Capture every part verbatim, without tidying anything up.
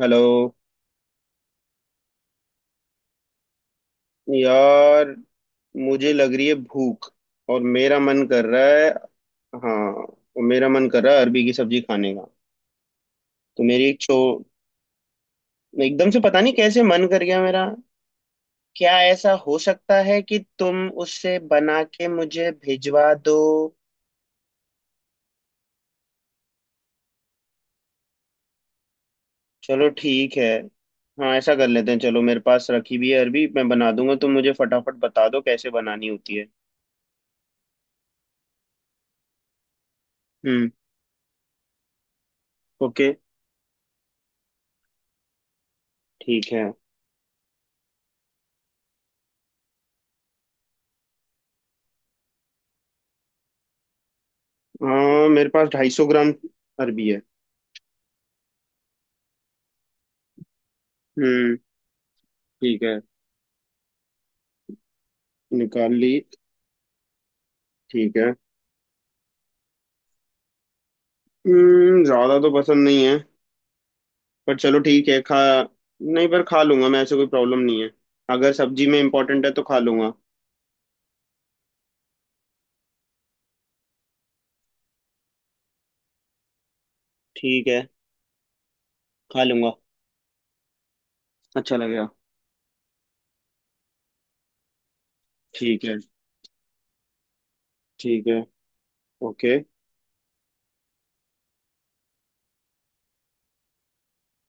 Hello यार, मुझे लग रही है भूख। और मेरा मन कर रहा है। हाँ, और मेरा मन कर रहा है अरबी की सब्जी खाने का। तो मेरी एक छो एकदम से पता नहीं कैसे मन कर गया मेरा। क्या ऐसा हो सकता है कि तुम उससे बना के मुझे भिजवा दो? चलो ठीक है। हाँ, ऐसा कर लेते हैं। चलो, मेरे पास रखी भी है अरबी। मैं बना दूंगा, तुम मुझे फटाफट बता दो कैसे बनानी होती है। हम्म। ओके। ठीक है। हाँ, मेरे पास ढाई सौ ग्राम अरबी है। हम्म। ठीक है, निकाल ली। ठीक है। हम्म, ज्यादा तो पसंद नहीं है। पर चलो ठीक है, खा नहीं, पर खा लूंगा मैं। ऐसे कोई प्रॉब्लम नहीं है। अगर सब्जी में इम्पोर्टेंट है तो खा लूंगा। ठीक है, खा लूंगा, अच्छा लगेगा। ठीक है। ठीक है। ओके।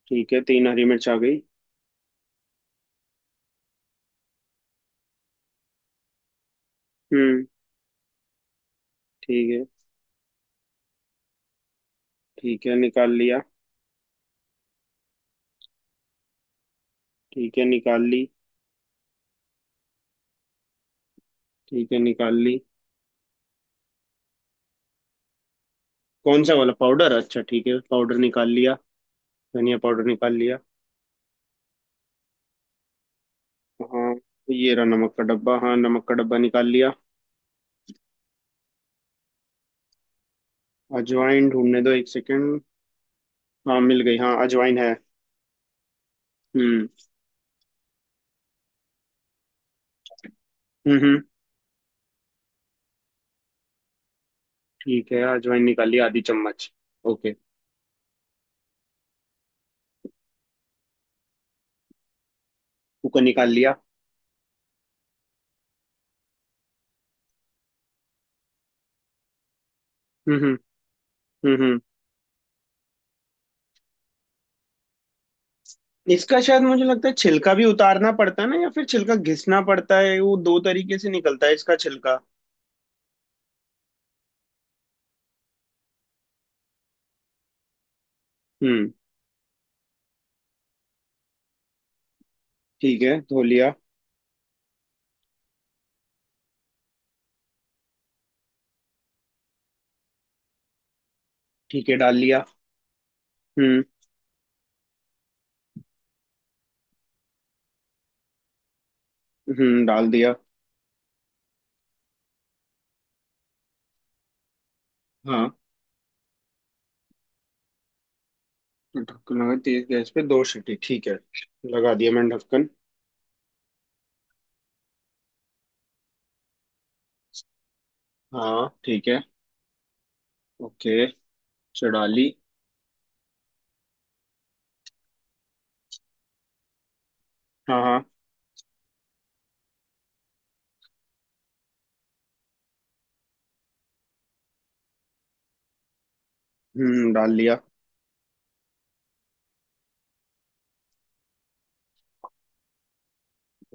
ठीक है, तीन हरी मिर्च आ गई। हम्म। ठीक है। ठीक है, निकाल लिया। ठीक है, निकाल ली। ठीक है, निकाल ली। कौन सा वाला पाउडर? अच्छा ठीक है, पाउडर निकाल लिया। धनिया पाउडर निकाल लिया। हाँ, ये रहा नमक का डब्बा। हाँ, नमक का डब्बा निकाल लिया। अजवाइन ढूंढने दो, एक सेकंड। हाँ, मिल गई। हाँ, अजवाइन है। हम्म। हम्म हम्म, ठीक है, अजवाइन निकाली आधी चम्मच। ओके। कुकर निकाल लिया। हम्म। हम्म। हम्म हम्म। इसका शायद मुझे लगता है छिलका भी उतारना पड़ता है ना, या फिर छिलका घिसना पड़ता है। वो दो तरीके से निकलता है इसका छिलका। हम्म। ठीक है, धो लिया। ठीक है, डाल लिया। हम्म। हम्म, डाल दिया। हाँ, ढक्कन लगा, तेज गैस पे दो सीटी, ठीक है। लगा दिया मैंने ढक्कन। हाँ ठीक है। ओके। चढ़ा ली। हाँ हाँ। हम्म, डाल लिया।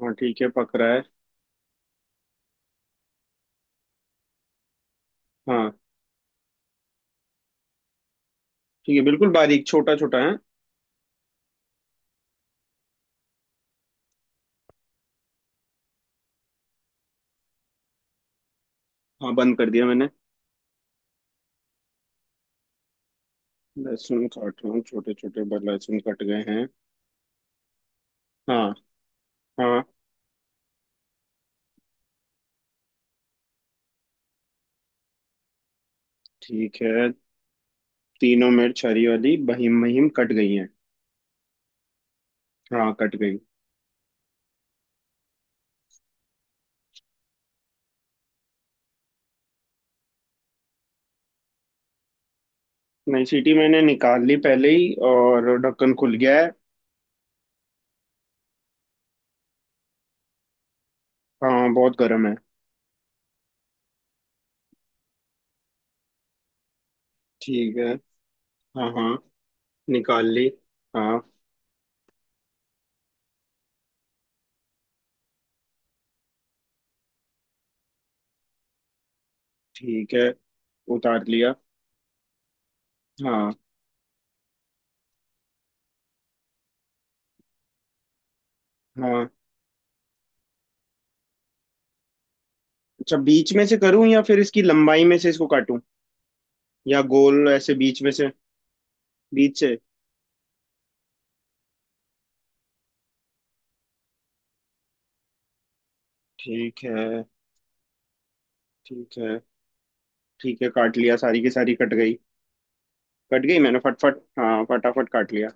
हाँ ठीक है, पक रहा है। हाँ। ठीक है, बिल्कुल बारीक छोटा छोटा है। हाँ, बंद कर दिया मैंने। लहसुन काट रहा हूँ, छोटे छोटे ब- लहसुन कट गए हैं। हाँ। हाँ। ठीक है, तीनों मिर्च हरी वाली बहीम बहीम कट गई हैं। हाँ, कट गई। नहीं, सीटी मैंने निकाल ली पहले ही, और ढक्कन खुल गया है। हाँ, बहुत गर्म है। ठीक है। हाँ हाँ, निकाल ली। हाँ ठीक है, उतार लिया। हाँ। हाँ। अच्छा, बीच में से करूँ या फिर इसकी लंबाई में से इसको काटूं? या गोल ऐसे बीच में से? बीच से। ठीक है। ठीक है। ठीक है, काट लिया, सारी की सारी कट गई। कट गई मैंने फटफट। हाँ, फटाफट काट लिया।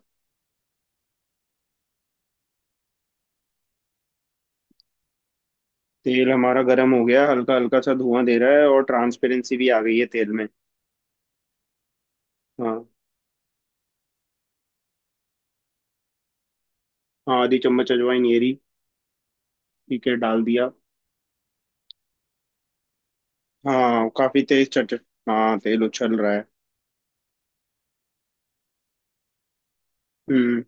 तेल हमारा गर्म हो गया, हल्का हल्का सा धुआं दे रहा है, और ट्रांसपेरेंसी भी आ गई है तेल में। हाँ। हाँ, आधी चम्मच अजवाइन ये रही। ठीक है, डाल दिया। हाँ, काफी तेज चट। हाँ, तेल उछल रहा है। हम्म,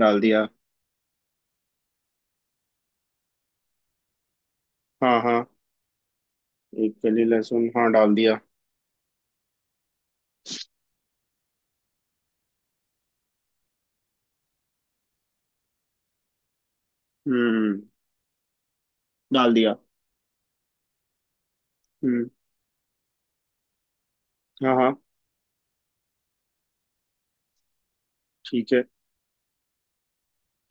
डाल दिया। हाँ हाँ, एक कली लहसुन, हाँ डाल दिया। हम्म, डाल दिया। हम्म। हाँ हाँ। ठीक है।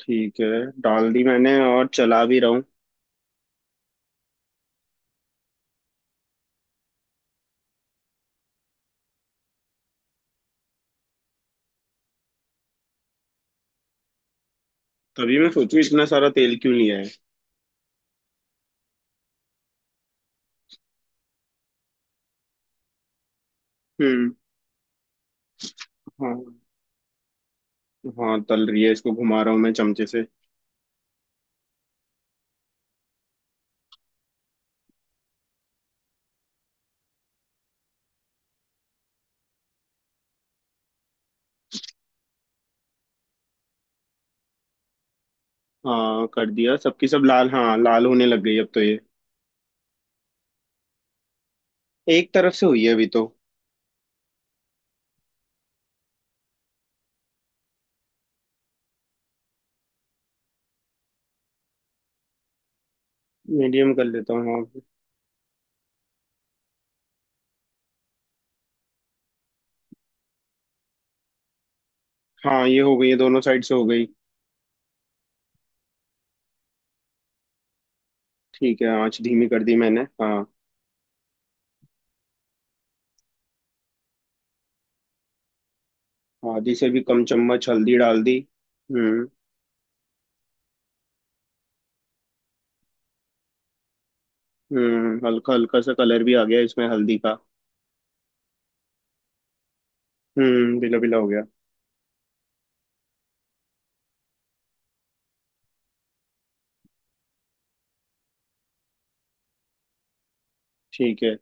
ठीक है, डाल दी मैंने, और चला भी रहा हूँ। तभी मैं सोचूं, इतना सारा तेल क्यों लिया है। हम्म। हाँ। हाँ, तल रही है, इसको घुमा रहा हूँ मैं चमचे से। हाँ, कर दिया, सबकी सब लाल, हाँ लाल होने लग गई अब तो ये। एक तरफ से हुई है अभी तो। मीडियम कर लेता हूँ हाँ। हाँ, ये हो गई है, दोनों साइड से हो गई। ठीक है, आँच धीमी कर दी मैंने हाँ। आधी से भी कम चम्मच हल्दी डाल दी। हम्म। हम्म, हल्का हल्का सा कलर भी आ गया इसमें हल्दी का। हम्म, बिला बिला हो गया। ठीक है।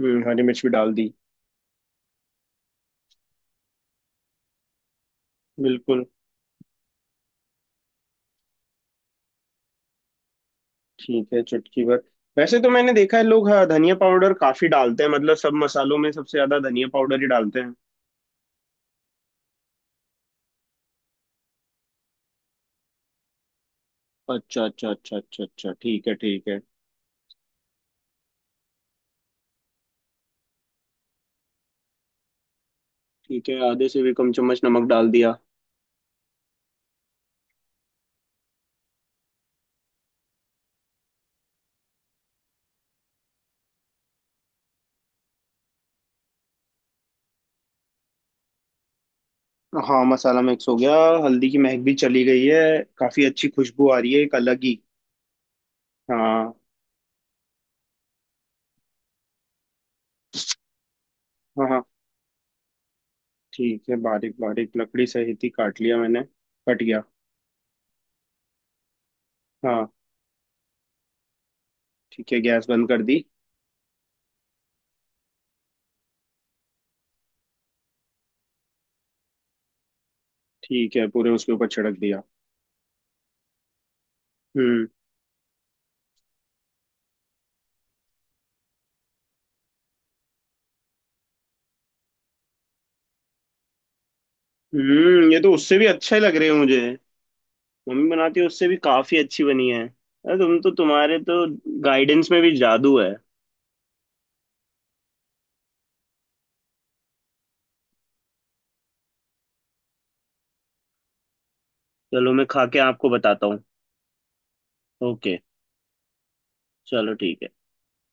हम्म, हरी मिर्च भी डाल दी। बिल्कुल। ठीक है, चुटकी भर। वैसे तो मैंने देखा है लोग, हाँ, धनिया पाउडर काफी डालते हैं। मतलब सब मसालों में सबसे ज्यादा धनिया पाउडर ही डालते हैं। अच्छा अच्छा अच्छा अच्छा अच्छा, ठीक है ठीक है। ठीक है, आधे से भी कम चम्मच नमक डाल दिया। हाँ, मसाला मिक्स हो गया। हल्दी की महक भी चली गई है। काफी अच्छी खुशबू आ रही है, एक अलग ही। हाँ। हाँ। हाँ। ठीक है, बारीक बारीक लकड़ी सहित ही काट लिया मैंने। कट गया। हाँ। ठीक है, गैस बंद कर दी। ठीक है, पूरे उसके ऊपर छिड़क दिया। हम्म। हम्म, ये तो उससे भी अच्छे लग रहे हैं मुझे। मम्मी बनाती है उससे भी काफी अच्छी बनी है। अरे तुम तो, तुम्हारे तो गाइडेंस में भी जादू है। चलो, मैं खा के आपको बताता हूँ। ओके। चलो ठीक है।